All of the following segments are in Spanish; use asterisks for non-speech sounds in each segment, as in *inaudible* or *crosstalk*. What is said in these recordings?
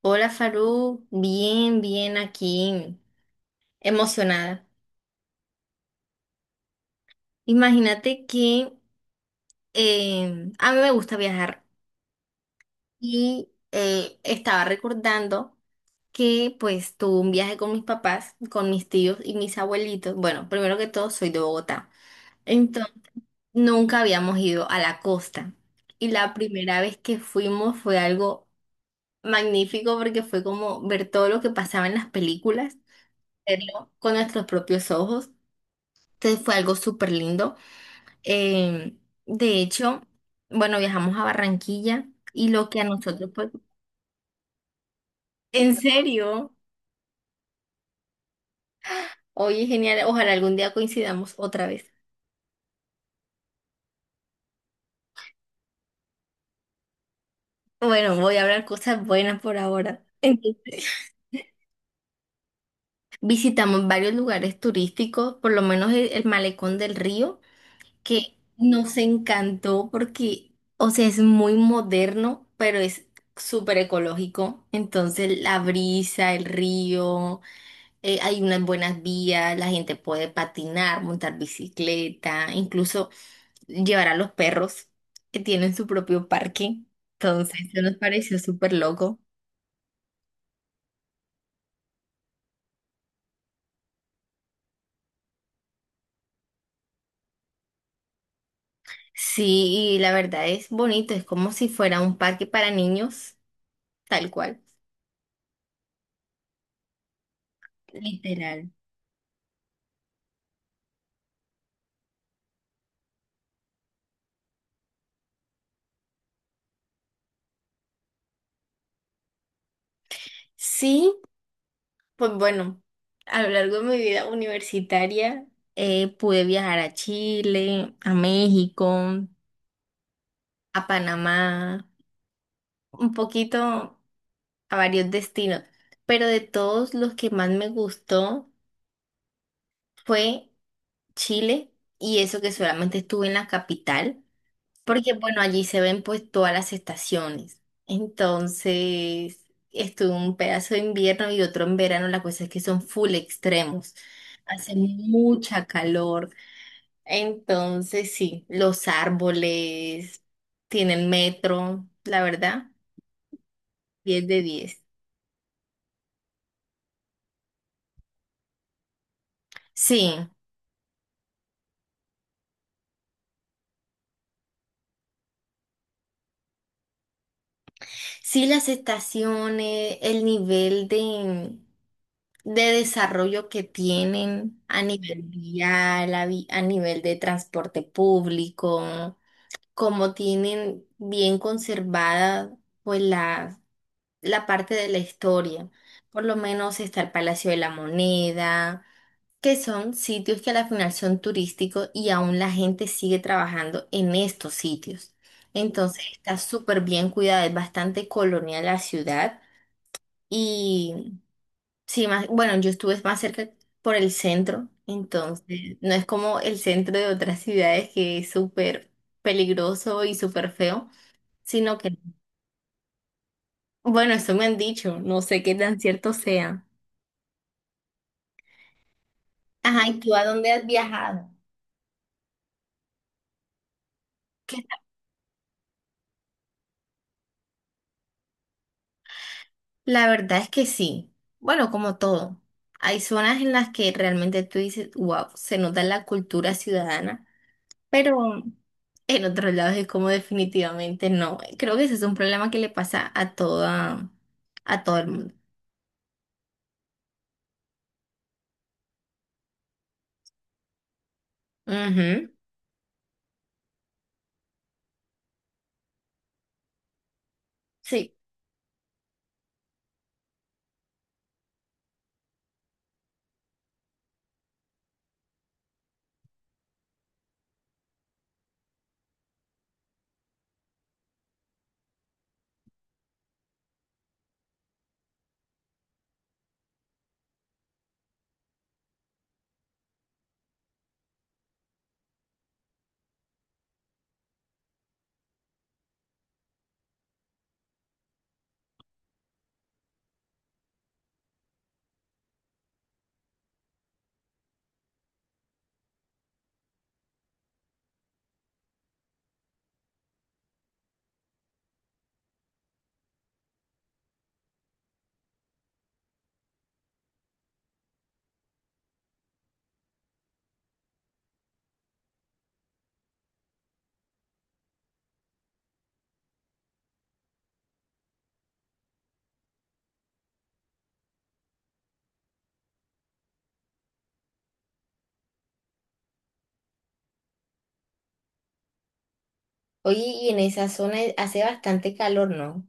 Hola Farú, bien, bien aquí, emocionada. Imagínate que a mí me gusta viajar y estaba recordando que pues tuve un viaje con mis papás, con mis tíos y mis abuelitos. Bueno, primero que todo soy de Bogotá. Entonces, nunca habíamos ido a la costa. Y la primera vez que fuimos fue algo magnífico porque fue como ver todo lo que pasaba en las películas, verlo con nuestros propios ojos. Entonces fue algo súper lindo. Eh, de hecho, bueno, viajamos a Barranquilla y lo que a nosotros, pues, en serio, oye, genial, ojalá algún día coincidamos otra vez. Bueno, voy a hablar cosas buenas por ahora. Entonces, *laughs* visitamos varios lugares turísticos, por lo menos el Malecón del Río, que nos encantó porque, o sea, es muy moderno, pero es súper ecológico. Entonces, la brisa, el río. Hay unas buenas vías, la gente puede patinar, montar bicicleta, incluso llevar a los perros que tienen su propio parque. Entonces, eso nos pareció súper loco. Sí, y la verdad es bonito, es como si fuera un parque para niños, tal cual, literal. Sí, pues bueno, a lo largo de mi vida universitaria pude viajar a Chile, a México, a Panamá, un poquito. A varios destinos, pero de todos los que más me gustó fue Chile y eso que solamente estuve en la capital, porque bueno, allí se ven pues todas las estaciones. Entonces, estuve un pedazo de invierno y otro en verano, la cosa es que son full extremos. Hace mucha calor. Entonces, sí, los árboles tienen metro, la verdad, 10 de 10. Sí. Sí, las estaciones, el nivel de desarrollo que tienen a nivel vial, a nivel de transporte público, como tienen bien conservada pues la parte de la historia. Por lo menos está el Palacio de la Moneda, que son sitios que a la final son turísticos y aún la gente sigue trabajando en estos sitios. Entonces está súper bien cuidada, es bastante colonial la ciudad y sí, más, bueno, yo estuve más cerca por el centro, entonces no es como el centro de otras ciudades que es súper peligroso y súper feo, sino que, bueno, eso me han dicho, no sé qué tan cierto sea. Ajá, ¿y tú a dónde has viajado? La verdad es que sí. Bueno, como todo. Hay zonas en las que realmente tú dices, wow, se nota la cultura ciudadana, pero en otros lados es como definitivamente no. Creo que ese es un problema que le pasa a a todo el mundo. Ujú, sí. Oye, y en esa zona hace bastante calor, ¿no?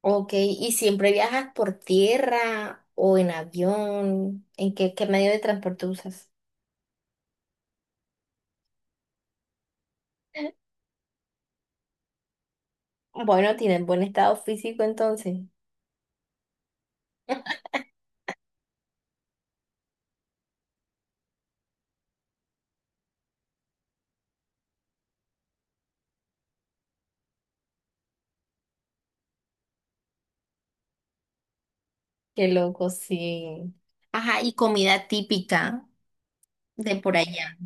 Ok, ¿y siempre viajas por tierra o en avión? ¿En qué, qué medio de transporte usas? *laughs* Bueno, tienes buen estado físico entonces. Qué loco, sí. Ajá, y comida típica de por allá.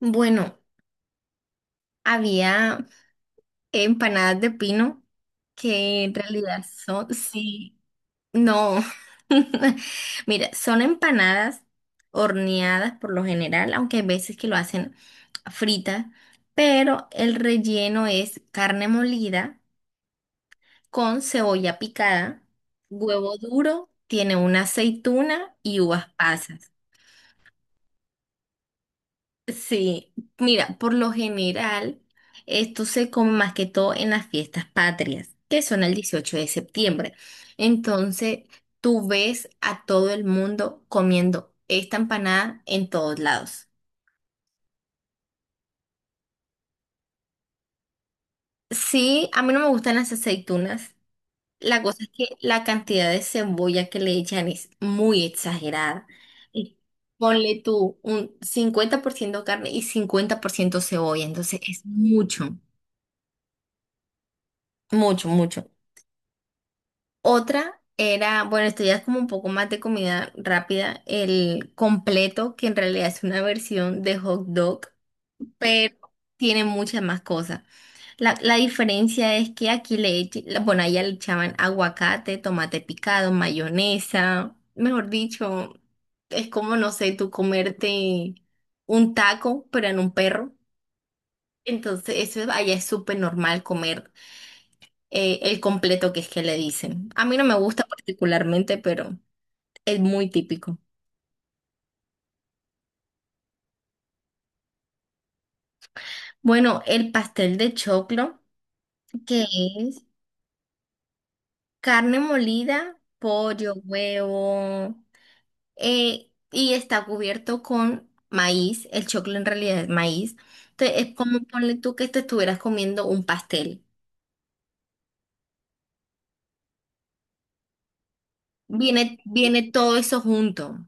Bueno, había empanadas de pino que en realidad son, sí, no. *laughs* Mira, son empanadas horneadas por lo general, aunque hay veces que lo hacen fritas, pero el relleno es carne molida con cebolla picada, huevo duro, tiene una aceituna y uvas pasas. Sí, mira, por lo general, esto se come más que todo en las fiestas patrias, que son el 18 de septiembre. Entonces, tú ves a todo el mundo comiendo esta empanada en todos lados. Sí, a mí no me gustan las aceitunas. La cosa es que la cantidad de cebolla que le echan es muy exagerada. Y ponle tú un 50% carne y 50% cebolla, entonces es mucho. Mucho, mucho. Otra era, bueno, esto ya es como un poco más de comida rápida, el completo, que en realidad es una versión de hot dog, pero tiene muchas más cosas. La diferencia es que aquí le, eche- la- bueno, allá le echaban aguacate, tomate picado, mayonesa, mejor dicho, es como, no sé, tú comerte un taco, pero en un perro. Entonces, eso es- allá es súper normal comer el completo que es que le dicen. A mí no me gusta particularmente, pero... Es muy típico. Bueno, el pastel de choclo, que es carne molida, pollo, huevo, y está cubierto con maíz. El choclo en realidad es maíz. Entonces, es como ponle tú que te estuvieras comiendo un pastel. Viene todo eso junto.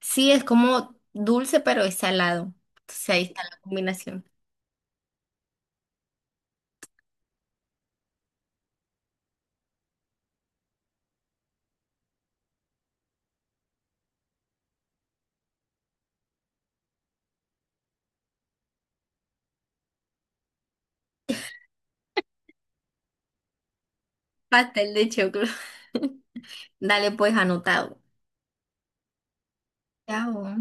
Sí, es como dulce, pero es salado. Entonces, ahí está la combinación. Pastel de choclo. *laughs* Dale, pues anotado. Chao.